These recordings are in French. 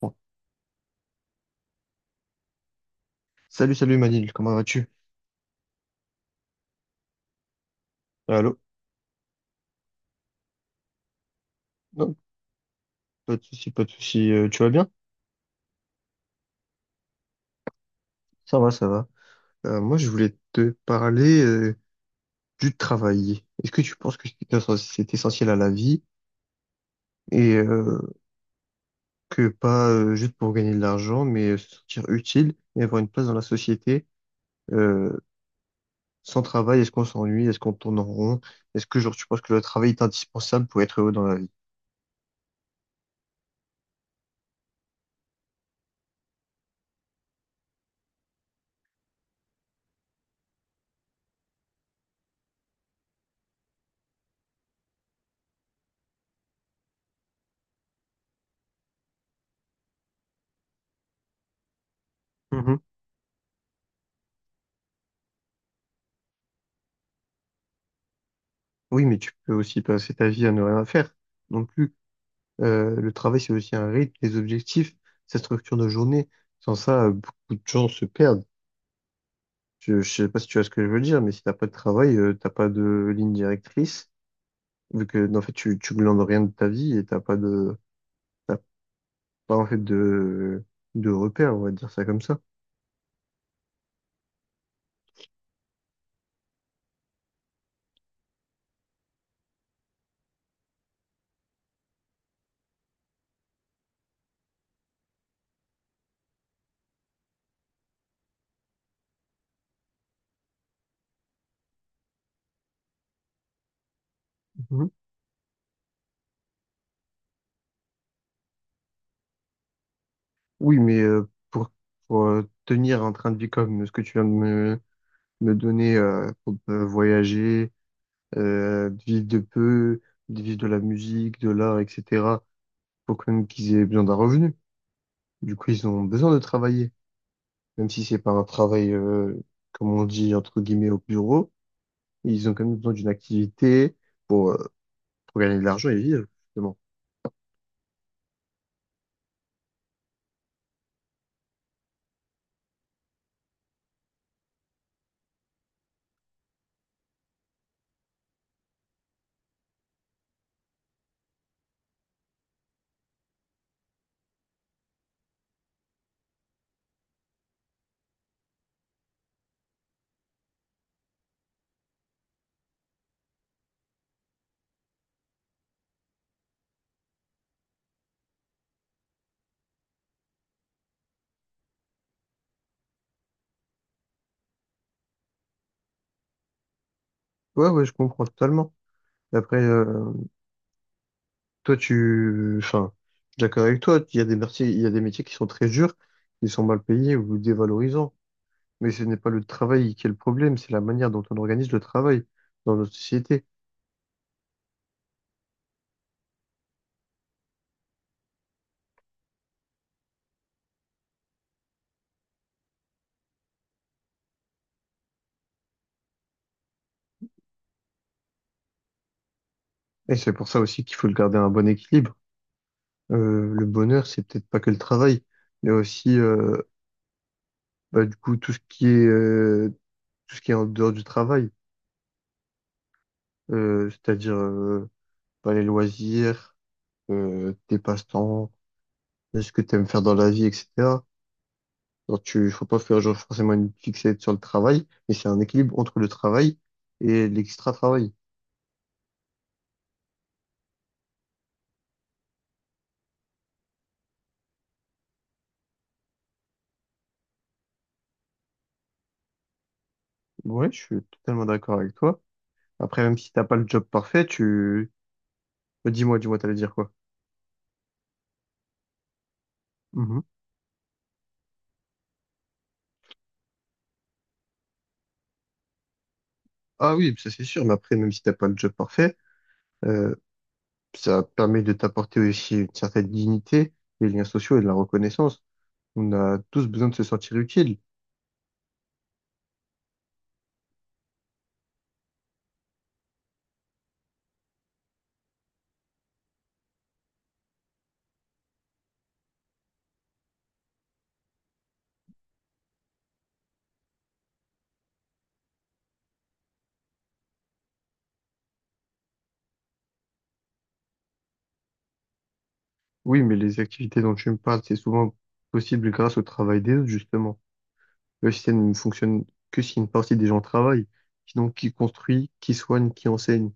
Bon. Salut, salut Manil, comment vas-tu? Allô? Non, pas de souci, pas de souci. Tu vas bien? Ça va, ça va. Moi, je voulais te parler du travail. Est-ce que tu penses que c'est c'est essentiel à la vie et que pas juste pour gagner de l'argent, mais se sentir utile et avoir une place dans la société? euh, Sans travail, est-ce qu'on s'ennuie? Est-ce qu'on tourne en rond? Est-ce que genre tu penses que le travail est indispensable pour être heureux dans la vie? Mhm. Oui, mais tu peux aussi passer ta vie à ne rien faire. Donc, le travail, c'est aussi un rythme, des objectifs, sa structure de journée. Sans ça, beaucoup de gens se perdent. Je sais pas si tu vois ce que je veux dire, mais si t'as pas de travail, t'as pas de ligne directrice, vu que en fait tu glandes rien de ta vie et t'as pas de t'as pas en fait de repères, on va dire ça comme ça. Mhm. Oui, mais tenir un train de vie comme ce que tu viens de me donner, pour voyager, de vivre de peu, de vivre de la musique, de l'art, etc. Faut quand même qu'ils aient besoin d'un revenu. Du coup, ils ont besoin de travailler, même si c'est pas un travail, comme on dit, entre guillemets, au bureau. Ils ont quand même besoin d'une activité pour, euh, pour gagner de l'argent et vivre, justement. Ouais, ouais, je comprends totalement. Et après, enfin, je suis d'accord avec toi. Il y a des métiers, il y a des métiers qui sont très durs, qui sont mal payés ou dévalorisants. Mais ce n'est pas le travail qui est le problème, c'est la manière dont on organise le travail dans notre société. Et c'est pour ça aussi qu'il faut le garder un bon équilibre. Le bonheur, c'est peut-être pas que le travail. Il y a aussi, du coup, tout ce qui est, tout ce qui est en dehors du travail. C'est-à-dire, bah, les loisirs, tes passe-temps, ce que tu aimes faire dans la vie, etc. Donc, faut pas faire genre forcément une fixette sur le travail, mais c'est un équilibre entre le travail et l'extra-travail. Ouais, je suis totalement d'accord avec toi. Après, même si t'as pas le job parfait, tu, bah, dis-moi, dis-moi, t'allais dire quoi? Mhm. Ah oui, ça c'est sûr, mais après, même si t'as pas le job parfait, euh, ça permet de t'apporter aussi une certaine dignité, des liens sociaux et de la reconnaissance. On a tous besoin de se sentir utile. Oui, mais les activités dont tu me parles, c'est souvent possible grâce au travail des autres, justement. Le système ne fonctionne que si une partie des gens travaillent. Sinon, qui construit, qui soigne, qui enseigne?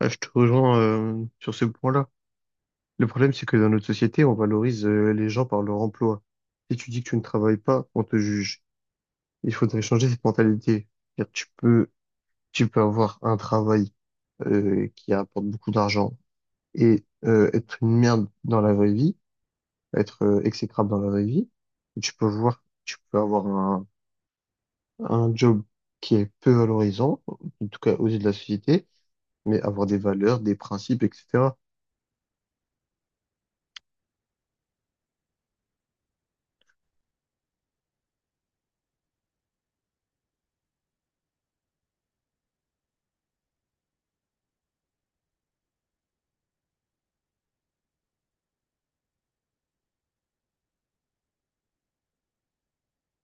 Bah, je te rejoins, sur ce point-là. Le problème, c'est que dans notre société, on valorise, les gens par leur emploi. Si tu dis que tu ne travailles pas, on te juge. Il faudrait changer cette mentalité. C'est-à-dire, tu peux avoir un travail qui apporte beaucoup d'argent et être une merde dans la vraie vie, être exécrable dans la vraie vie, tu peux avoir un job qui est peu valorisant, en tout cas aux yeux de la société, mais avoir des valeurs, des principes, etc.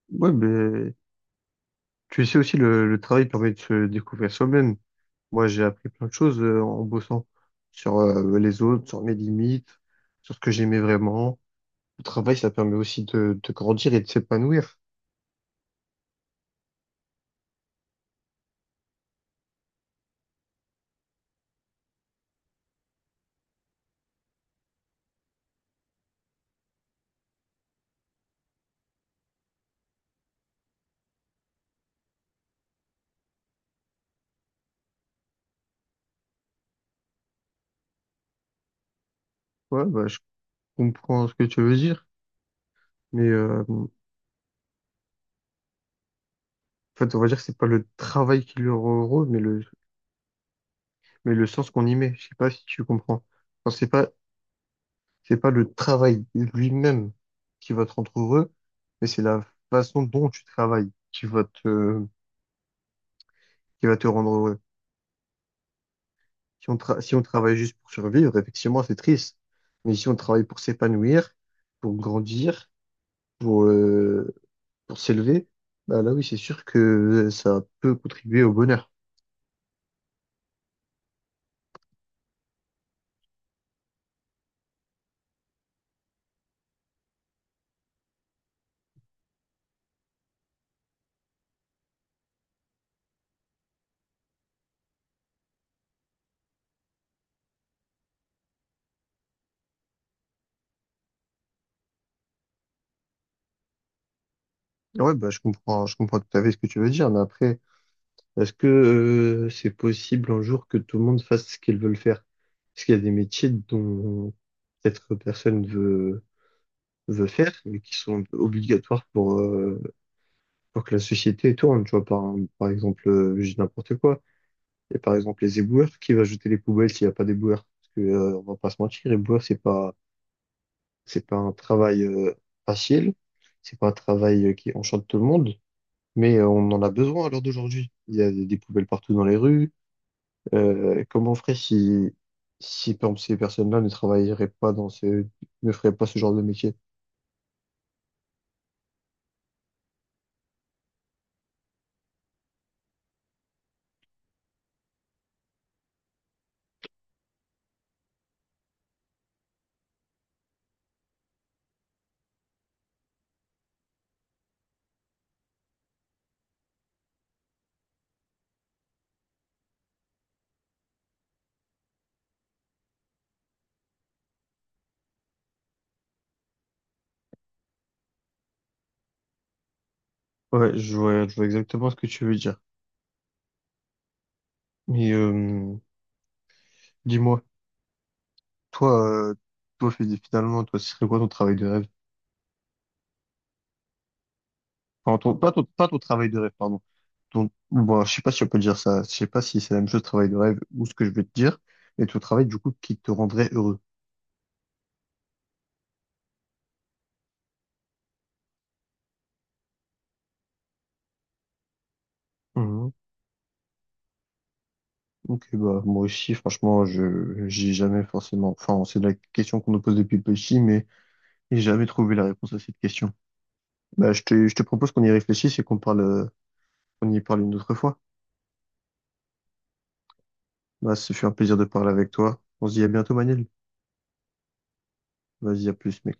Ouais, mais tu sais aussi, le travail permet de se découvrir soi-même. Moi, j'ai appris plein de choses en bossant sur les autres, sur mes limites, sur ce que j'aimais vraiment. Le travail, ça permet aussi de grandir et de s'épanouir. Ouais, bah, je comprends ce que tu veux dire, mais en fait, on va dire que c'est pas le travail qui leur rend heureux mais le sens qu'on y met. Je sais pas si tu comprends. Enfin, c'est pas le travail lui-même qui va te rendre heureux, mais c'est la façon dont tu travailles qui va te rendre heureux. Si on, si on travaille juste pour survivre, effectivement, c'est triste. Mais si on travaille pour s'épanouir, pour grandir, pour, euh, pour s'élever, bah là oui, c'est sûr que ça peut contribuer au bonheur. Ouais, bah, je comprends tout à fait ce que tu veux dire, mais après, est-ce que c'est possible un jour que tout le monde fasse ce qu'ils veulent faire? Parce qu'il y a des métiers dont peut-être veut faire, mais qui sont obligatoires pour que la société tourne. Tu vois, par, par exemple, je dis n'importe quoi. Et par exemple, les éboueurs, qui va jeter les poubelles s'il n'y a pas d'éboueurs? Parce que, on va pas se mentir, éboueur, c'est pas un travail facile, c'est pas un travail qui enchante tout le monde. Mais on en a besoin à l'heure d'aujourd'hui. Il y a des poubelles partout dans les rues. Comment on ferait si, si par exemple, ces personnes-là ne travailleraient pas dans ce, ne feraient pas ce genre de métier? Ouais, je vois exactement ce que tu veux dire. Mais dis-moi, toi, finalement, toi, ce serait quoi ton travail de rêve? Enfin, pas ton travail de rêve, pardon. Ton, bon, je sais pas si on peut dire ça. Je sais pas si c'est la même chose, travail de rêve, ou ce que je vais te dire, mais ton travail, du coup, qui te rendrait heureux. Ok, bah, moi aussi, franchement, j'ai jamais forcément, enfin, c'est la question qu'on nous pose depuis petit, mais j'ai jamais trouvé la réponse à cette question. Bah, je te propose qu'on y réfléchisse et qu'on parle, qu'on y parle une autre fois. Bah, ce fut un plaisir de parler avec toi. On se dit à bientôt, Manil. Vas-y, à plus, mec.